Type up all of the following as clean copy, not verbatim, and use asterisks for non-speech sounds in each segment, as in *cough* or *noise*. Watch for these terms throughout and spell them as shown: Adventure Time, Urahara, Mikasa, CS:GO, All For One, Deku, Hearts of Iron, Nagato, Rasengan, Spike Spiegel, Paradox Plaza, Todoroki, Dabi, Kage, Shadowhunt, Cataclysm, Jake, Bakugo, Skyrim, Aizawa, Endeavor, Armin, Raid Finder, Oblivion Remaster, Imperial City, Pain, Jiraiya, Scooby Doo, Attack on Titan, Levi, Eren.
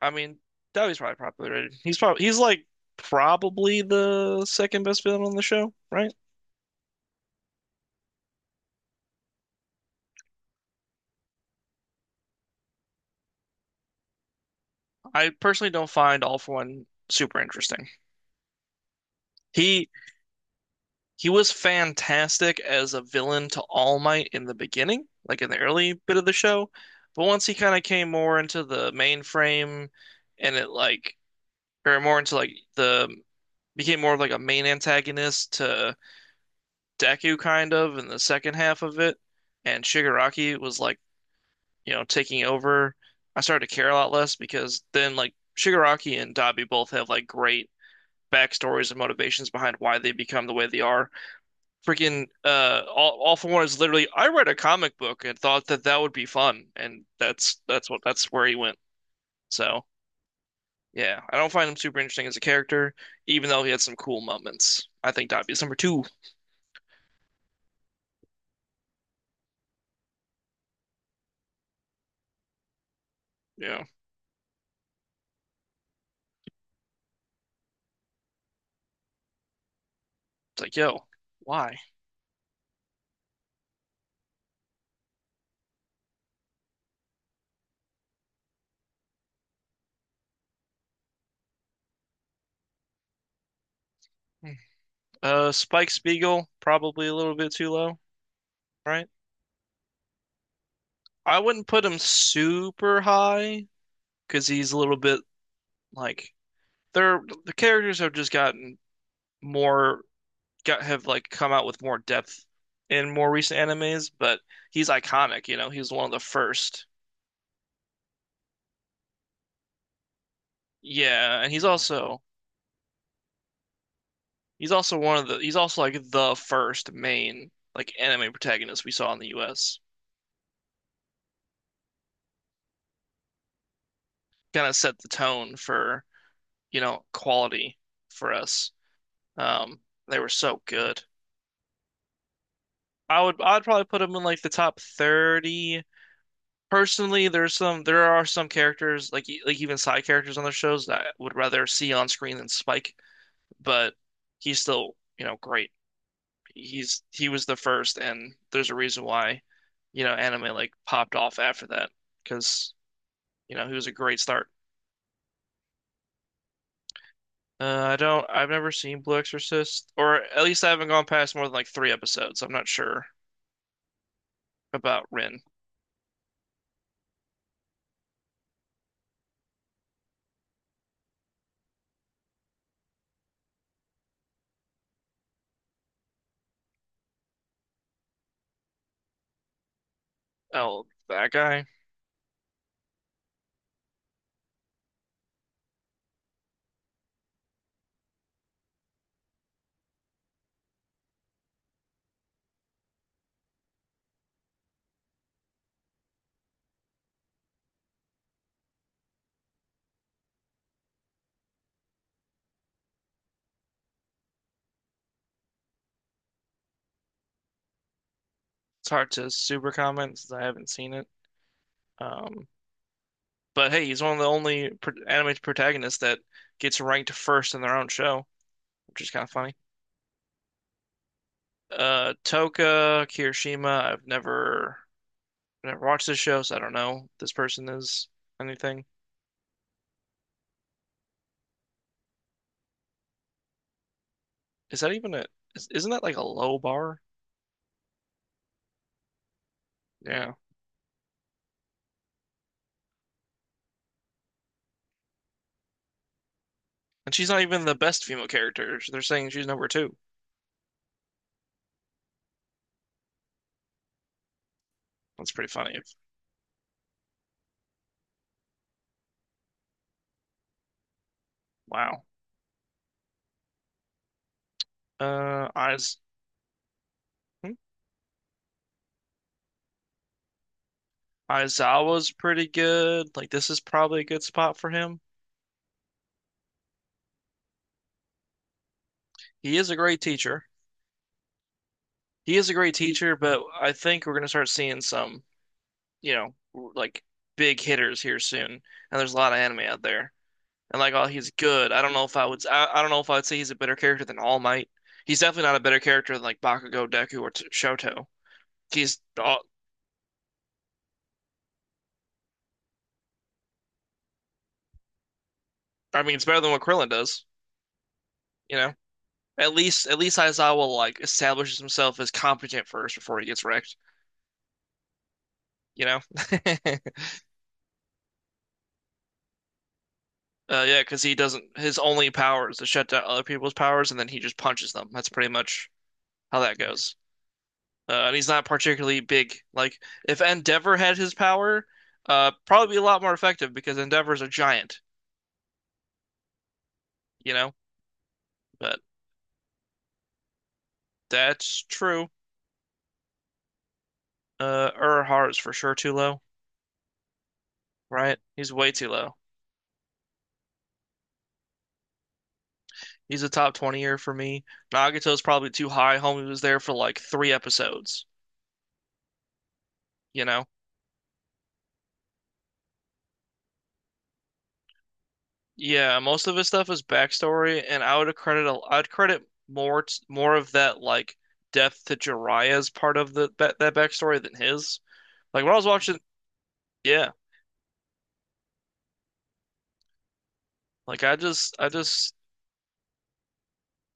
I mean, Dobby's probably popular, rated. He's probably the second best villain on the show, right? I personally don't find All For One super interesting. He he was fantastic as a villain to All Might in the beginning, like in the early bit of the show, but once he kind of came more into the mainframe and it like or more into like the became more of like a main antagonist to Deku kind of in the second half of it, and Shigaraki was like, you know, taking over. I started to care a lot less because then like Shigaraki and Dabi both have like great backstories and motivations behind why they become the way they are. Freaking all for one is literally I read a comic book and thought that would be fun and that's where he went. So, yeah, I don't find him super interesting as a character even though he had some cool moments. I think Dabi is number 2. You know, it's like, yo, why? Hmm. Spike Spiegel probably a little bit too low, right? I wouldn't put him super high because he's a little bit like the characters have just gotten more got have like come out with more depth in more recent animes, but he's iconic, you know, he's one of the first. Yeah, and he's also one of the he's also like the first main like anime protagonist we saw in the US. Kind of set the tone for, you know, quality for us. Um, they were so good. I'd probably put him in like the top 30. Personally, there are some characters like like even side characters on their shows that I would rather see on screen than Spike, but he's still, you know, great. He was the first and there's a reason why, you know, anime like popped off after that because, you know, he was a great start. I've never seen Blue Exorcist, or at least I haven't gone past more than like three episodes. I'm not sure about Rin. Oh, that guy. It's hard to super comment since I haven't seen it. Um, but hey, he's one of the only pro anime protagonists that gets ranked first in their own show, which is kind of funny. Toka Kirishima. I've never watched this show, so I don't know if this person is anything. Is that even a? Is- Isn't that like a low bar? Yeah, and she's not even the best female character. They're saying she's number two. That's pretty funny. Wow. Eyes. Hmm. Aizawa's pretty good. Like this is probably a good spot for him. He is a great teacher. He is a great teacher, but I think we're gonna start seeing some, you know, like big hitters here soon. And there's a lot of anime out there. And like, oh, he's good. I don't know if I'd say he's a better character than All Might. He's definitely not a better character than like Bakugo, Deku, or T Shoto. He's. All I mean, it's better than what Krillin does. You know, at least Aizawa like establishes himself as competent first before he gets wrecked. You know. *laughs* Yeah, because he doesn't. His only power is to shut down other people's powers, and then he just punches them. That's pretty much how that goes. And he's not particularly big. Like if Endeavor had his power, probably be a lot more effective because Endeavor's a giant, you know. But that's true. Urahara's for sure too low, right? He's way too low. He's a top 20-er for me. Nagato's probably too high. Homie was there for like three episodes, you know. Yeah, most of his stuff is backstory, and I'd credit more t more of that like death to Jiraiya's part of the that backstory than his. Like when I was watching, yeah, like I just I just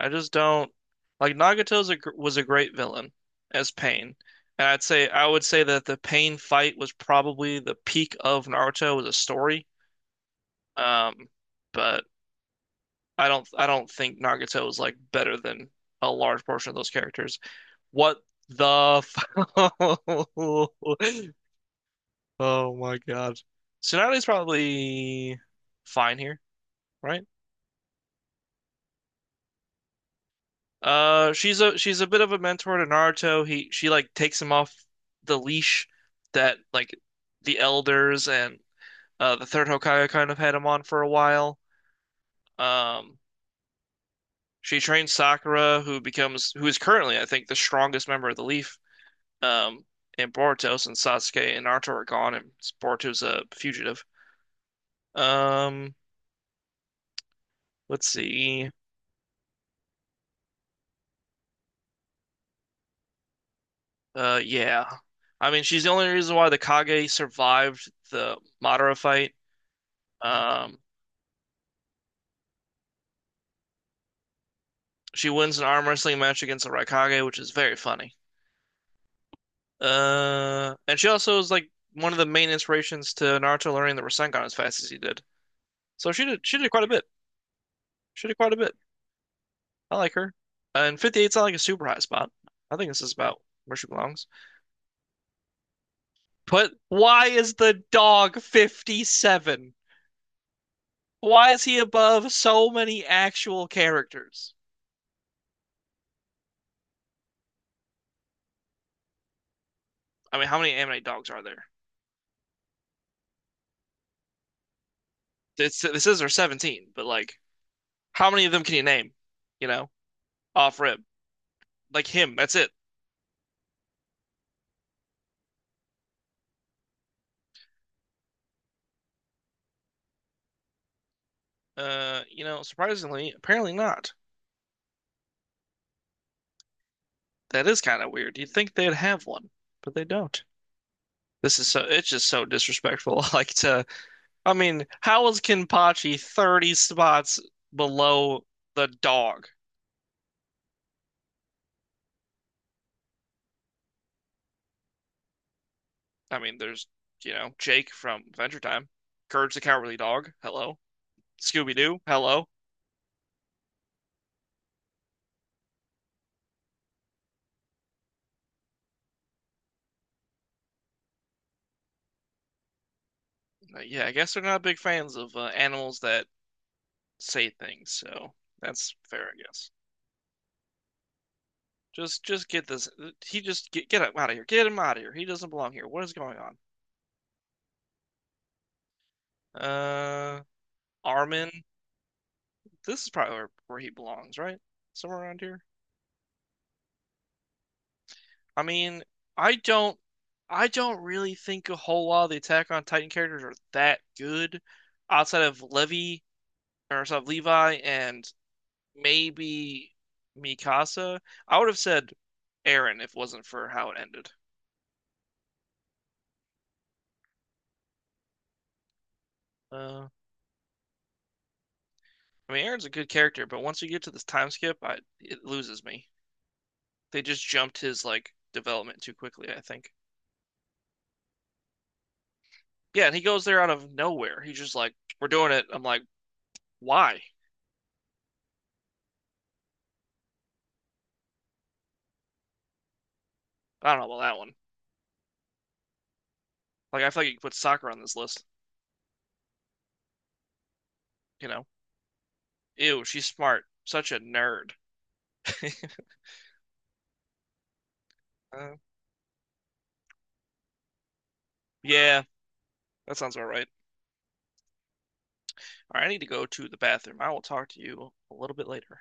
I just don't Nagato's was a great villain as Pain, and I would say that the Pain fight was probably the peak of Naruto as a story. Um, but I don't think Nagato is like better than a large portion of those characters. What the f- *laughs* Oh my God. So Sonali's probably fine here, right? Uh, she's a bit of a mentor to Naruto. He She like takes him off the leash that like the elders and the third Hokage kind of had him on for a while. Um she trains Sakura, who becomes who is currently I think the strongest member of the Leaf. Um and Boruto, since Sasuke and Naruto are gone and Boruto's a fugitive. Um, let's see. Yeah. I mean, she's the only reason why the Kage survived the Madara fight. Um, she wins an arm wrestling match against the Raikage, which is very funny. And she also is like one of the main inspirations to Naruto learning the Rasengan as fast as he did. So she did quite a bit. She did quite a bit. I like her. And 58's not like a super high spot. I think this is about where she belongs. But why is the dog 57? Why is he above so many actual characters? I mean, how many anime dogs are there? This is their 17, but like how many of them can you name? You know, off rip. Like him, that's it. You know, surprisingly, apparently not. That is kind of weird. You'd think they'd have one, but they don't. This is so it's just so disrespectful. *laughs* Like to I mean, how is Kenpachi 30 spots below the dog? I mean, there's, you know, Jake from Adventure Time, Courage the Cowardly Dog. Hello. Scooby Doo. Hello. Yeah, I guess they're not big fans of animals that say things, so that's fair, I guess. Just get this. He just get out of here. Get him out of here. He doesn't belong here. What is going on? Uh, Armin. This is probably where he belongs, right? Somewhere around here. I mean, I don't. I don't really think a whole lot of the Attack on Titan characters are that good outside of Levi, or outside of Levi and maybe Mikasa. I would have said Aaron if it wasn't for how it ended. Uh, I mean, Aaron's a good character, but once you get to this time skip, I it loses me. They just jumped his like development too quickly, I think. Yeah, and he goes there out of nowhere. He's just like, "We're doing it." I'm like, "Why?" I don't know about that one. Like, I feel like you could put soccer on this list. You know, ew, she's smart. Such a nerd. *laughs* Uh, yeah, that sounds about right. All right, I need to go to the bathroom. I will talk to you a little bit later.